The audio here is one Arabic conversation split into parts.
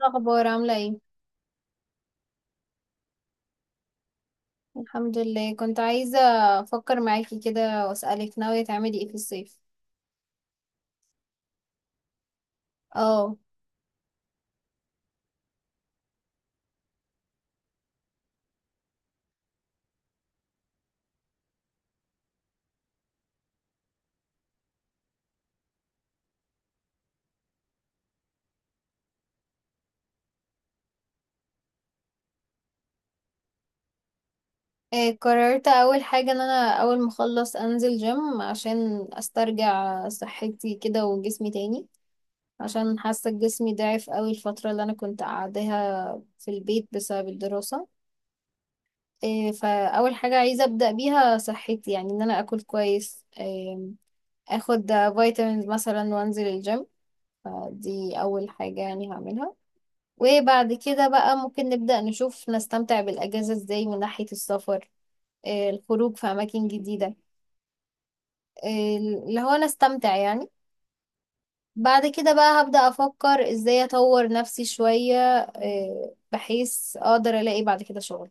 الأخبار عاملة ايه؟ الحمد لله، كنت عايزة أفكر معاكي كده وأسألك، ناوية تعملي ايه في الصيف؟ اه. إيه، قررت أول حاجة إن أنا أول ما أخلص أنزل جيم عشان أسترجع صحتي كده وجسمي تاني، عشان حاسة جسمي ضعف أوي الفترة اللي أنا كنت قاعداها في البيت بسبب الدراسة. إيه، فأول حاجة عايزة أبدأ بيها صحتي، يعني إن أنا أكل كويس، إيه، أخد فيتامينز مثلا وأنزل الجيم. فدي أول حاجة يعني هعملها. وبعد كده بقى ممكن نبدأ نشوف نستمتع بالأجازة ازاي، من ناحية السفر، الخروج في أماكن جديدة، اللي هو نستمتع يعني. بعد كده بقى هبدأ أفكر ازاي أطور نفسي شوية، بحيث أقدر ألاقي بعد كده شغل.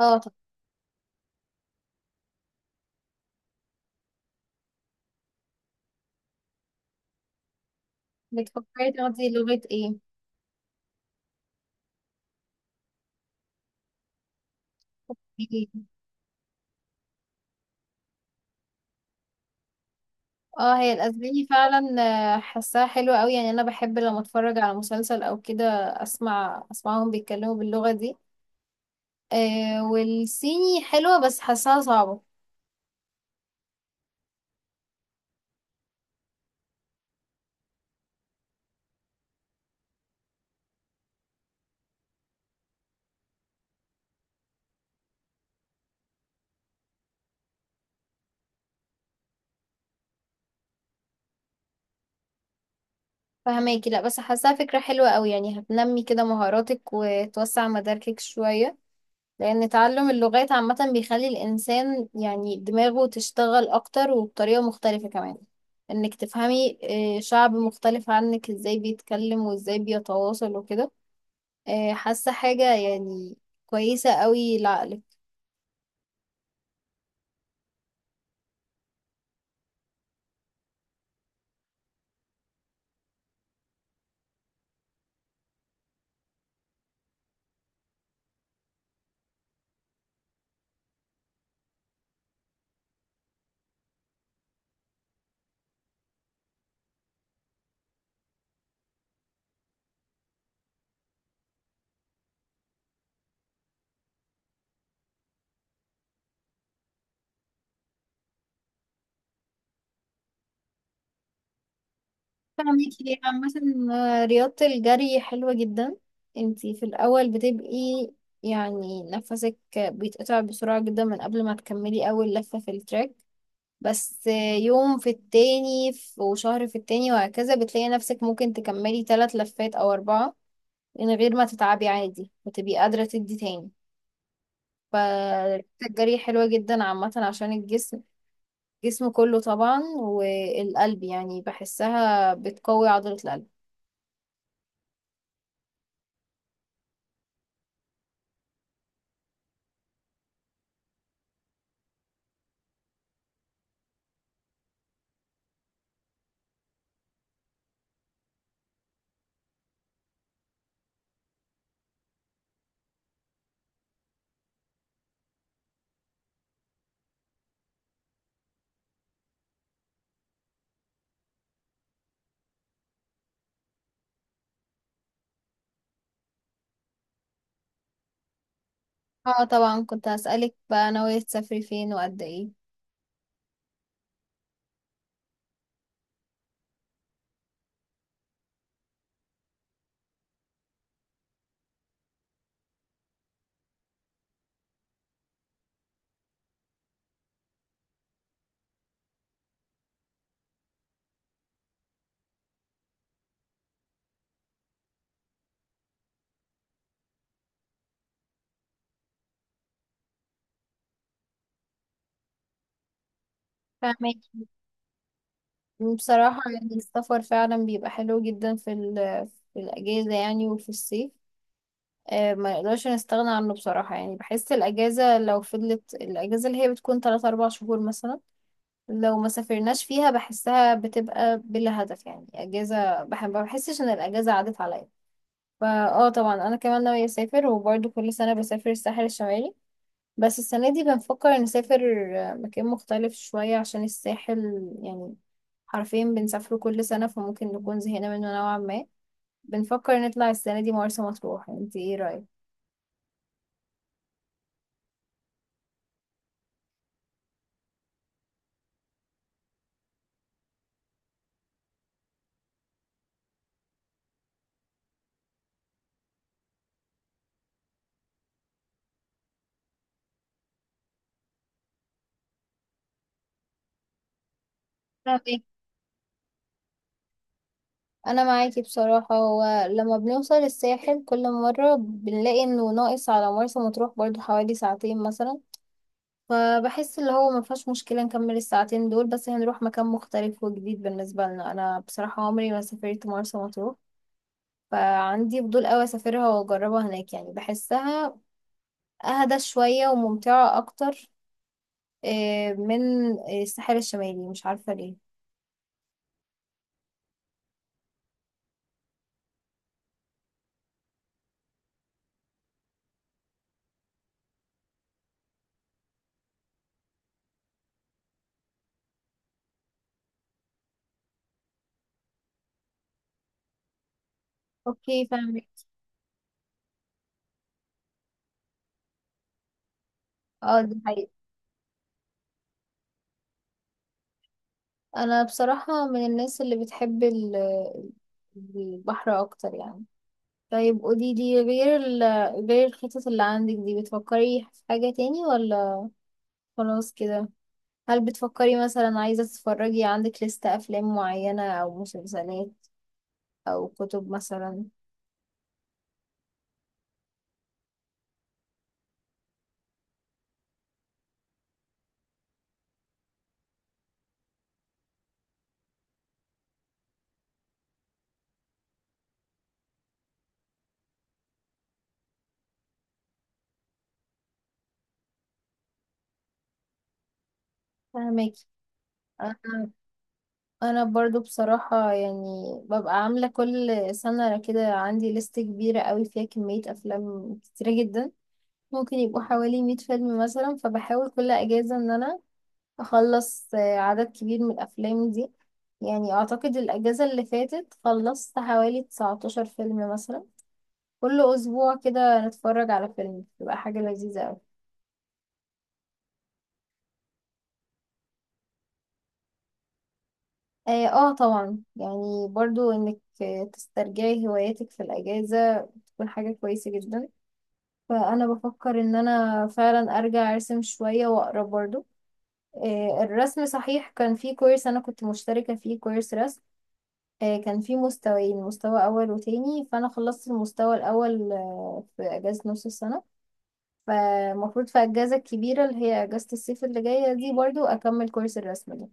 اه، طب بتفكري تاخدي لغة ايه؟ إيه؟ اه، هي الأسباني فعلا. حاساها حلوة أوي، يعني أنا بحب لما أتفرج على مسلسل أو كده أسمعهم بيتكلموا باللغة دي. والصيني حلوة بس حاساها صعبة. فهماكي، لا بس حاساها فكرة حلوة قوي، يعني هتنمي كده مهاراتك وتوسع مداركك شوية. لأن تعلم اللغات عامة بيخلي الإنسان يعني دماغه تشتغل أكتر وبطريقة مختلفة كمان، إنك تفهمي شعب مختلف عنك إزاي بيتكلم وإزاي بيتواصل وكده. حاسة حاجة يعني كويسة قوي لعقلك. فاهمك، هي عامة رياضة الجري حلوة جدا. انتي في الأول بتبقي يعني نفسك بيتقطع بسرعة جدا من قبل ما تكملي أول لفة في التراك، بس يوم في التاني وشهر في التاني وهكذا بتلاقي نفسك ممكن تكملي تلات لفات أو أربعة من غير ما تتعبي عادي، وتبقي قادرة تدي تاني. فرياضة الجري حلوة جدا عامة عشان الجسم، الجسم كله طبعا والقلب، يعني بحسها بتقوي عضلة القلب. اه، طبعا كنت هسألك بقى، ناوية تسافري فين وقد ايه؟ فاهمك. بصراحة يعني السفر فعلا بيبقى حلو جدا في الأجازة يعني وفي الصيف. آه، ما نقدرش نستغنى عنه بصراحة، يعني بحس الأجازة، لو فضلت الأجازة اللي هي بتكون تلات أربع شهور مثلا لو ما سافرناش فيها، بحسها بتبقى بلا هدف، يعني أجازة، ما بحسش إن الأجازة عدت عليا. فا اه، طبعا أنا كمان ناوية أسافر، وبرضه كل سنة بسافر الساحل الشمالي، بس السنة دي بنفكر نسافر مكان مختلف شوية، عشان الساحل يعني حرفيا بنسافره كل سنة، فممكن نكون زهقنا منه نوعا ما. بنفكر نطلع السنة دي مرسى مطروح، انت ايه رأيك؟ طب ايه، انا معاكي بصراحة. هو لما بنوصل الساحل كل مرة بنلاقي انه ناقص على مرسى مطروح برضو حوالي ساعتين مثلا، فبحس اللي هو مفيهاش مشكلة نكمل الساعتين دول، بس هنروح مكان مختلف وجديد بالنسبة لنا. انا بصراحة عمري ما سافرت مرسى مطروح، فعندي فضول قوي اسافرها واجربها هناك، يعني بحسها اهدى شوية وممتعة اكتر من الساحل الشمالي، مش عارفة ليه. اوكي، فاهمك. اه، دي حقيقة. انا بصراحة من الناس اللي بتحب البحر اكتر يعني. طيب قولي لي، غير ال غير الخطط اللي عندك دي، بتفكري في حاجة تاني ولا خلاص كده؟ هل بتفكري مثلا عايزة تتفرجي، عندك لستة افلام معينة او مسلسلات او كتب مثلا؟ فهمك. انا انا برضو بصراحة يعني ببقى عاملة كل سنة كده، عندي لست كبيرة قوي فيها كمية افلام كتيرة جدا، ممكن يبقوا حوالي 100 فيلم مثلا، فبحاول كل اجازة ان انا اخلص عدد كبير من الافلام دي. يعني اعتقد الاجازة اللي فاتت خلصت حوالي 19 فيلم مثلا، كل اسبوع كده نتفرج على فيلم، بتبقى حاجة لذيذة قوي. اه. طبعا، يعني برضو انك تسترجعي هواياتك في الاجازة تكون حاجة كويسة جدا. فانا بفكر ان انا فعلا ارجع ارسم شوية واقرا برضو. الرسم صحيح، كان في كورس انا كنت مشتركة فيه، كورس رسم. كان في مستويين، مستوى اول وتاني، فانا خلصت المستوى الاول في اجازة نص السنة. فالمفروض في الاجازة الكبيرة اللي هي اجازة الصيف اللي جاية دي برضو اكمل كورس الرسم ده.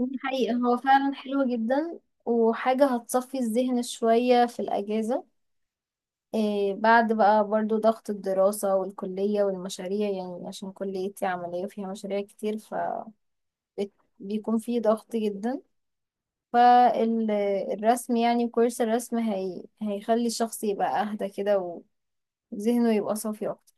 دي حقيقة، هو فعلا حلو جدا، وحاجة هتصفي الذهن شوية في الاجازة. إيه بعد بقى برضو ضغط الدراسة والكلية والمشاريع، يعني عشان كليتي عملية فيها مشاريع كتير فبيكون في ضغط جدا. فالرسم، يعني كورس الرسم، هيخلي الشخص يبقى أهدى كده، وذهنه يبقى صافي أكتر.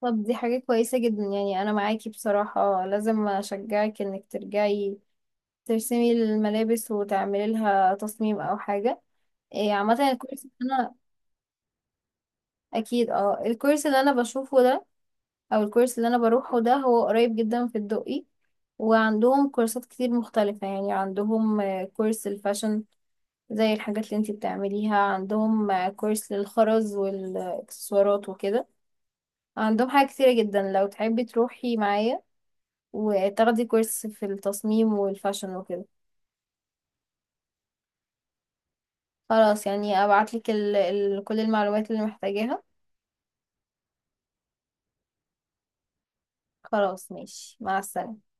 طب دي حاجة كويسة جدا، يعني أنا معاكي بصراحة، لازم أشجعك إنك ترجعي ترسمي الملابس وتعملي لها تصميم أو حاجة. إيه عامة الكورس اللي أنا... أكيد. اه، الكورس اللي أنا بشوفه ده، او الكورس اللي انا بروحه ده، هو قريب جدا في الدقي، وعندهم كورسات كتير مختلفة، يعني عندهم كورس الفاشن، زي الحاجات اللي انتي بتعمليها. عندهم كورس للخرز والاكسسوارات وكده. عندهم حاجة كتيرة جدا، لو تحبي تروحي معايا وتاخدي كورس في التصميم والفاشن وكده. خلاص يعني، ابعتلك ال ال كل المعلومات اللي محتاجاها. خلاص ماشي، مع السلامة.